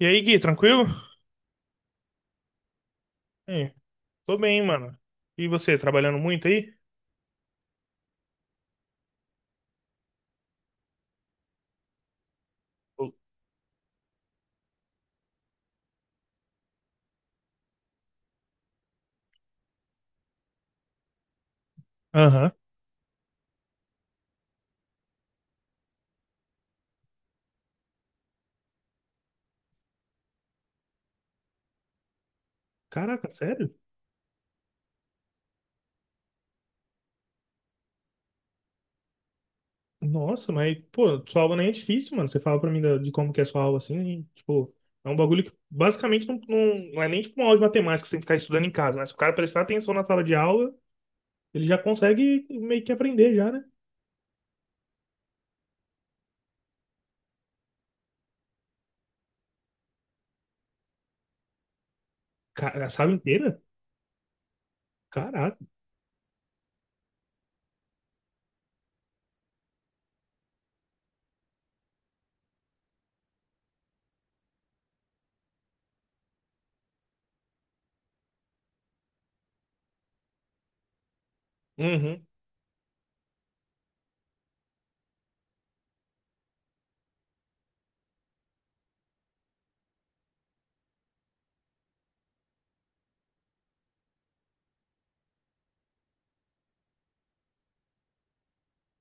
E aí, Gui, tranquilo? É, tô bem, mano. E você, trabalhando muito aí? Ô, aham. Caraca, sério? Nossa, mas, pô, sua aula nem é difícil, mano. Você fala pra mim de como que é sua aula assim, e, tipo, é um bagulho que basicamente não, não, não é nem tipo uma aula de matemática que você tem que ficar estudando em casa, né? Se o cara prestar atenção na sala de aula, ele já consegue meio que aprender já, né? Cara, a sala inteira? Caraca. Uhum.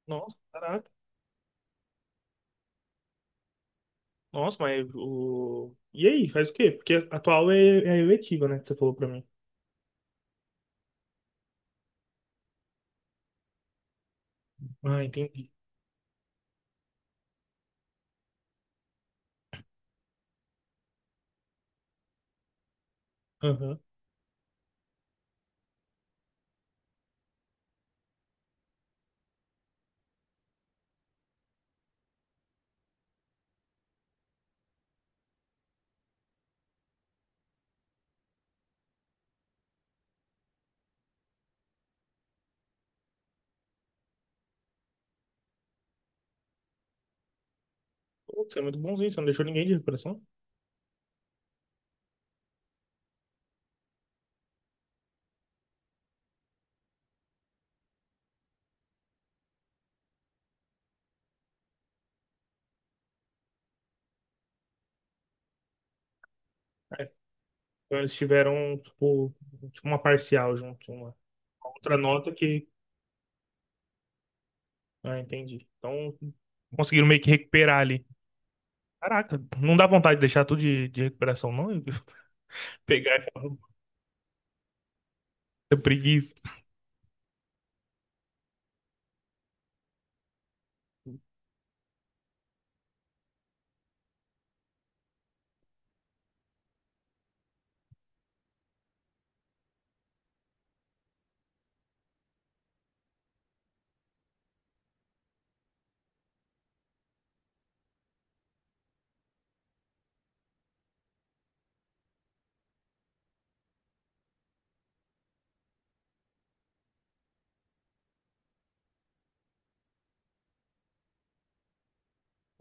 Nossa, caraca. Nossa, mas o. E aí, faz o quê? Porque a tua aula é eletiva, né? Que você falou pra mim. Ah, entendi. Aham. Pô, é muito bonzinho, você não deixou ninguém de recuperação? É, então eles tiveram, tipo uma parcial junto, uma outra nota que. Ah, entendi. Então conseguiram meio que recuperar ali. Caraca, não dá vontade de deixar tudo de recuperação, não? Pegar aquela preguiça.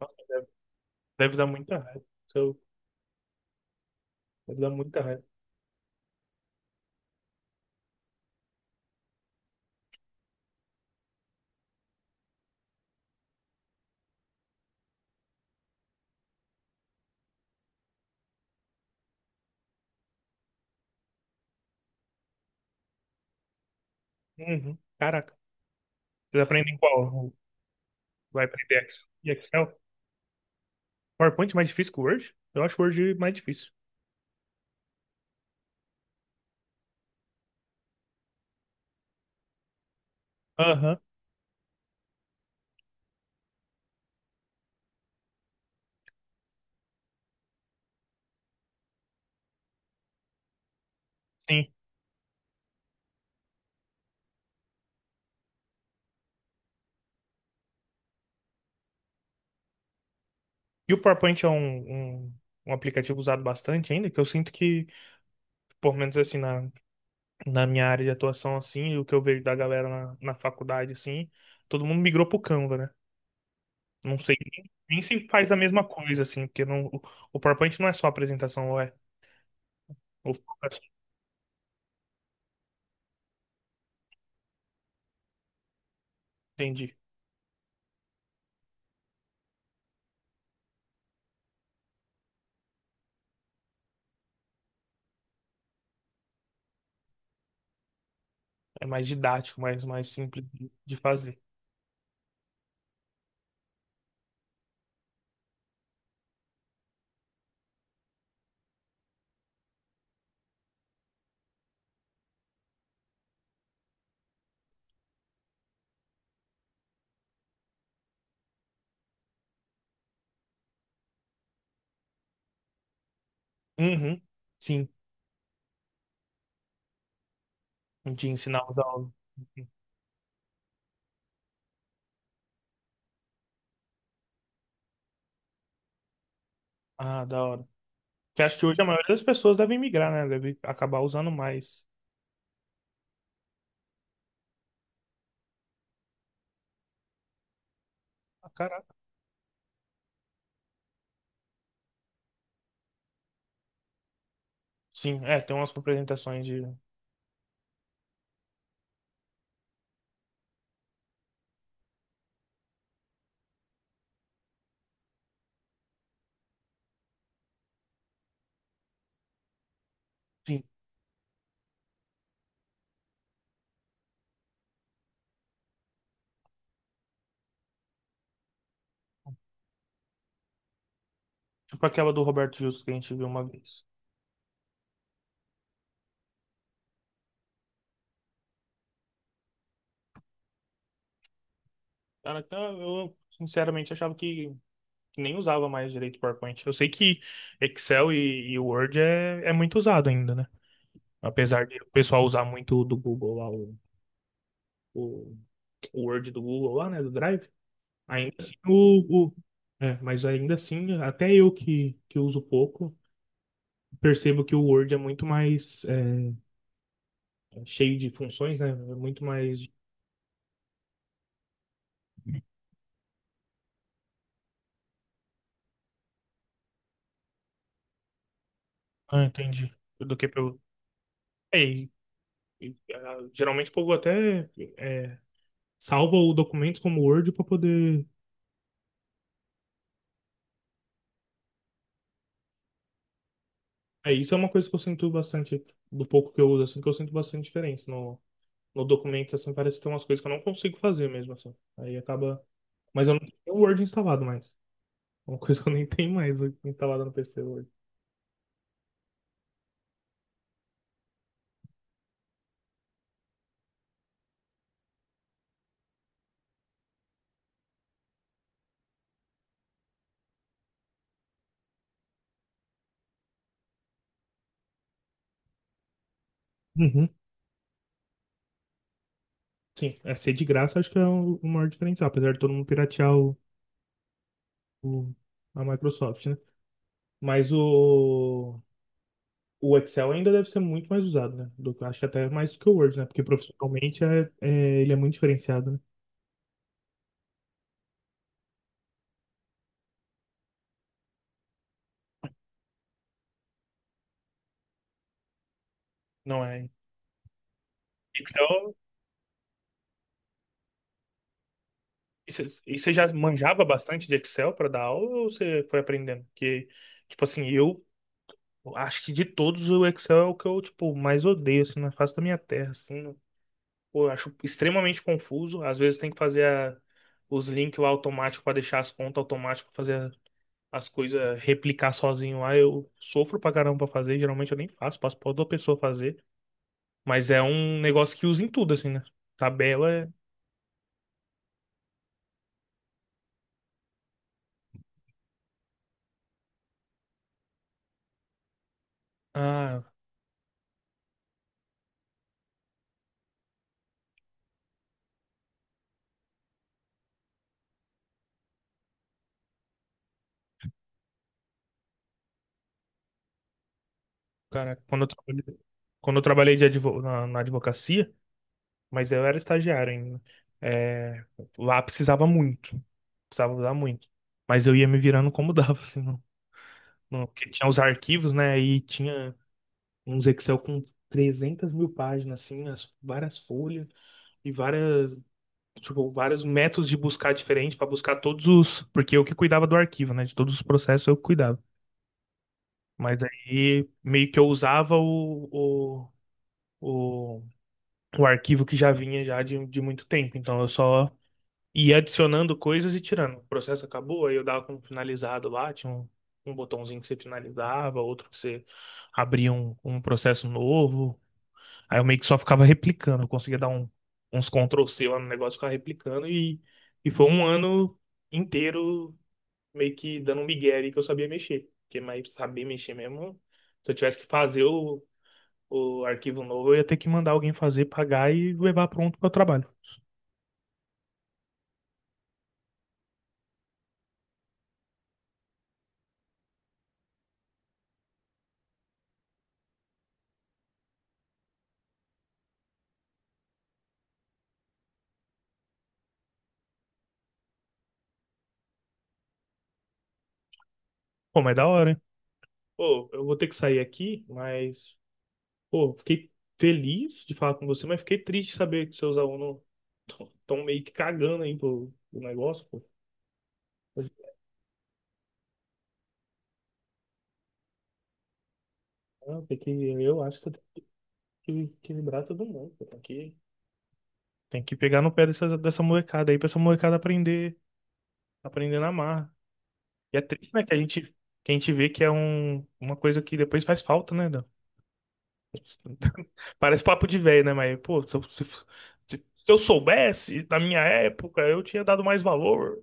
Nossa, Deve dar muita raiva. Isso deve dar muita raiva. Uhum. Caraca, vocês aprendem qual? Vai aprender e Excel? PowerPoint é mais difícil que o Word? Eu acho o Word mais difícil. Aham, sim. E o PowerPoint é um aplicativo usado bastante ainda, que eu sinto que, pelo menos assim, na minha área de atuação, assim, e o que eu vejo da galera na faculdade, assim, todo mundo migrou pro Canva, né? Não sei nem se faz a mesma coisa, assim, porque não, o PowerPoint não é só apresentação, ou é? Ou, entendi. É mais didático, mais simples de fazer. Uhum, sim, de ensinar os alunos. Uhum. Ah, da hora. Que acho que hoje a maioria das pessoas deve migrar, né? Deve acabar usando mais. Sim, é, tem umas representações de. Sim, tipo aquela do Roberto Justo que a gente viu uma vez. Cara, então eu sinceramente achava que, nem usava mais direito o PowerPoint. Eu sei que Excel e Word é muito usado ainda, né? Apesar de o pessoal usar muito o do Google lá, o, o Word do Google lá, né? Do Drive. Ainda assim, é, mas ainda assim, até eu que uso pouco, percebo que o Word é muito mais cheio de funções, né? É muito mais. Ah, entendi. Do que pelo. É, e, ah, geralmente o povo até é, salva o documento como Word para poder. É, isso é uma coisa que eu sinto bastante, do pouco que eu uso, assim, que eu sinto bastante diferença no documento, assim, parece que tem umas coisas que eu não consigo fazer mesmo, assim. Aí acaba. Mas eu não tenho o Word instalado mais. É uma coisa que eu nem tenho mais instalada no PC hoje. Uhum. Sim, é ser de graça acho que é o maior diferencial, apesar de todo mundo piratear o- a Microsoft, né? Mas o. O Excel ainda deve ser muito mais usado, né? Acho que até mais do que o Word, né? Porque profissionalmente ele é muito diferenciado, né? Não é. Excel. E você já manjava bastante de Excel para dar aula ou você foi aprendendo? Porque, tipo assim, eu acho que de todos o Excel é o que eu, tipo, mais odeio, assim, na face da minha terra, assim. Pô, eu acho extremamente confuso. Às vezes tem que fazer os links lá automáticos para deixar as contas automáticas para fazer as coisas replicar sozinho lá, eu sofro pra caramba pra fazer, geralmente eu nem faço, passo pra outra pessoa fazer, mas é um negócio que usa em tudo, assim, né? Tabela é... Ah, cara, quando eu trabalhei de na advocacia, mas eu era estagiário ainda, é, lá precisava muito, precisava usar muito, mas eu ia me virando como dava, assim, não, não, porque tinha os arquivos, né, e tinha uns Excel com 300 mil páginas, assim, as, várias folhas, e várias tipo, vários métodos de buscar diferente para buscar todos os, porque eu que cuidava do arquivo, né? De todos os processos eu que cuidava. Mas aí meio que eu usava o, o arquivo que já vinha já de muito tempo. Então eu só ia adicionando coisas e tirando. O processo acabou, aí eu dava como finalizado lá, tinha um botãozinho que você finalizava, outro que você abria um processo novo. Aí eu meio que só ficava replicando, eu conseguia dar uns Ctrl C lá no negócio, ficava replicando e foi um ano inteiro meio que dando um migué ali que eu sabia mexer. Porque mais saber mexer mesmo, se eu tivesse que fazer o arquivo novo, eu ia ter que mandar alguém fazer, pagar e levar pronto para o trabalho. Pô, mas da hora, hein? Pô, eu vou ter que sair aqui, mas, pô, fiquei feliz de falar com você, mas fiquei triste de saber que seus alunos estão meio que cagando aí pro negócio, pô. Ah, eu acho que equilibrar todo mundo, pô. Tem que pegar no pé dessa molecada aí pra essa molecada aprender, aprender na marra. E é triste, né, que a gente vê que é um, uma coisa que depois faz falta, né? Dan? Parece papo de velho, né? Mas, pô, se eu soubesse, na minha época, eu tinha dado mais valor.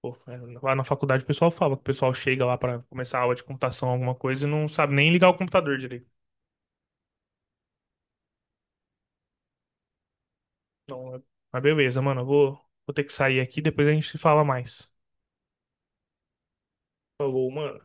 Pô, é, lá na faculdade o pessoal fala que o pessoal chega lá pra começar a aula de computação, alguma coisa, e não sabe nem ligar o computador direito. Então, mas beleza, mano, eu vou ter que sair aqui, depois a gente se fala mais. Falou, mano.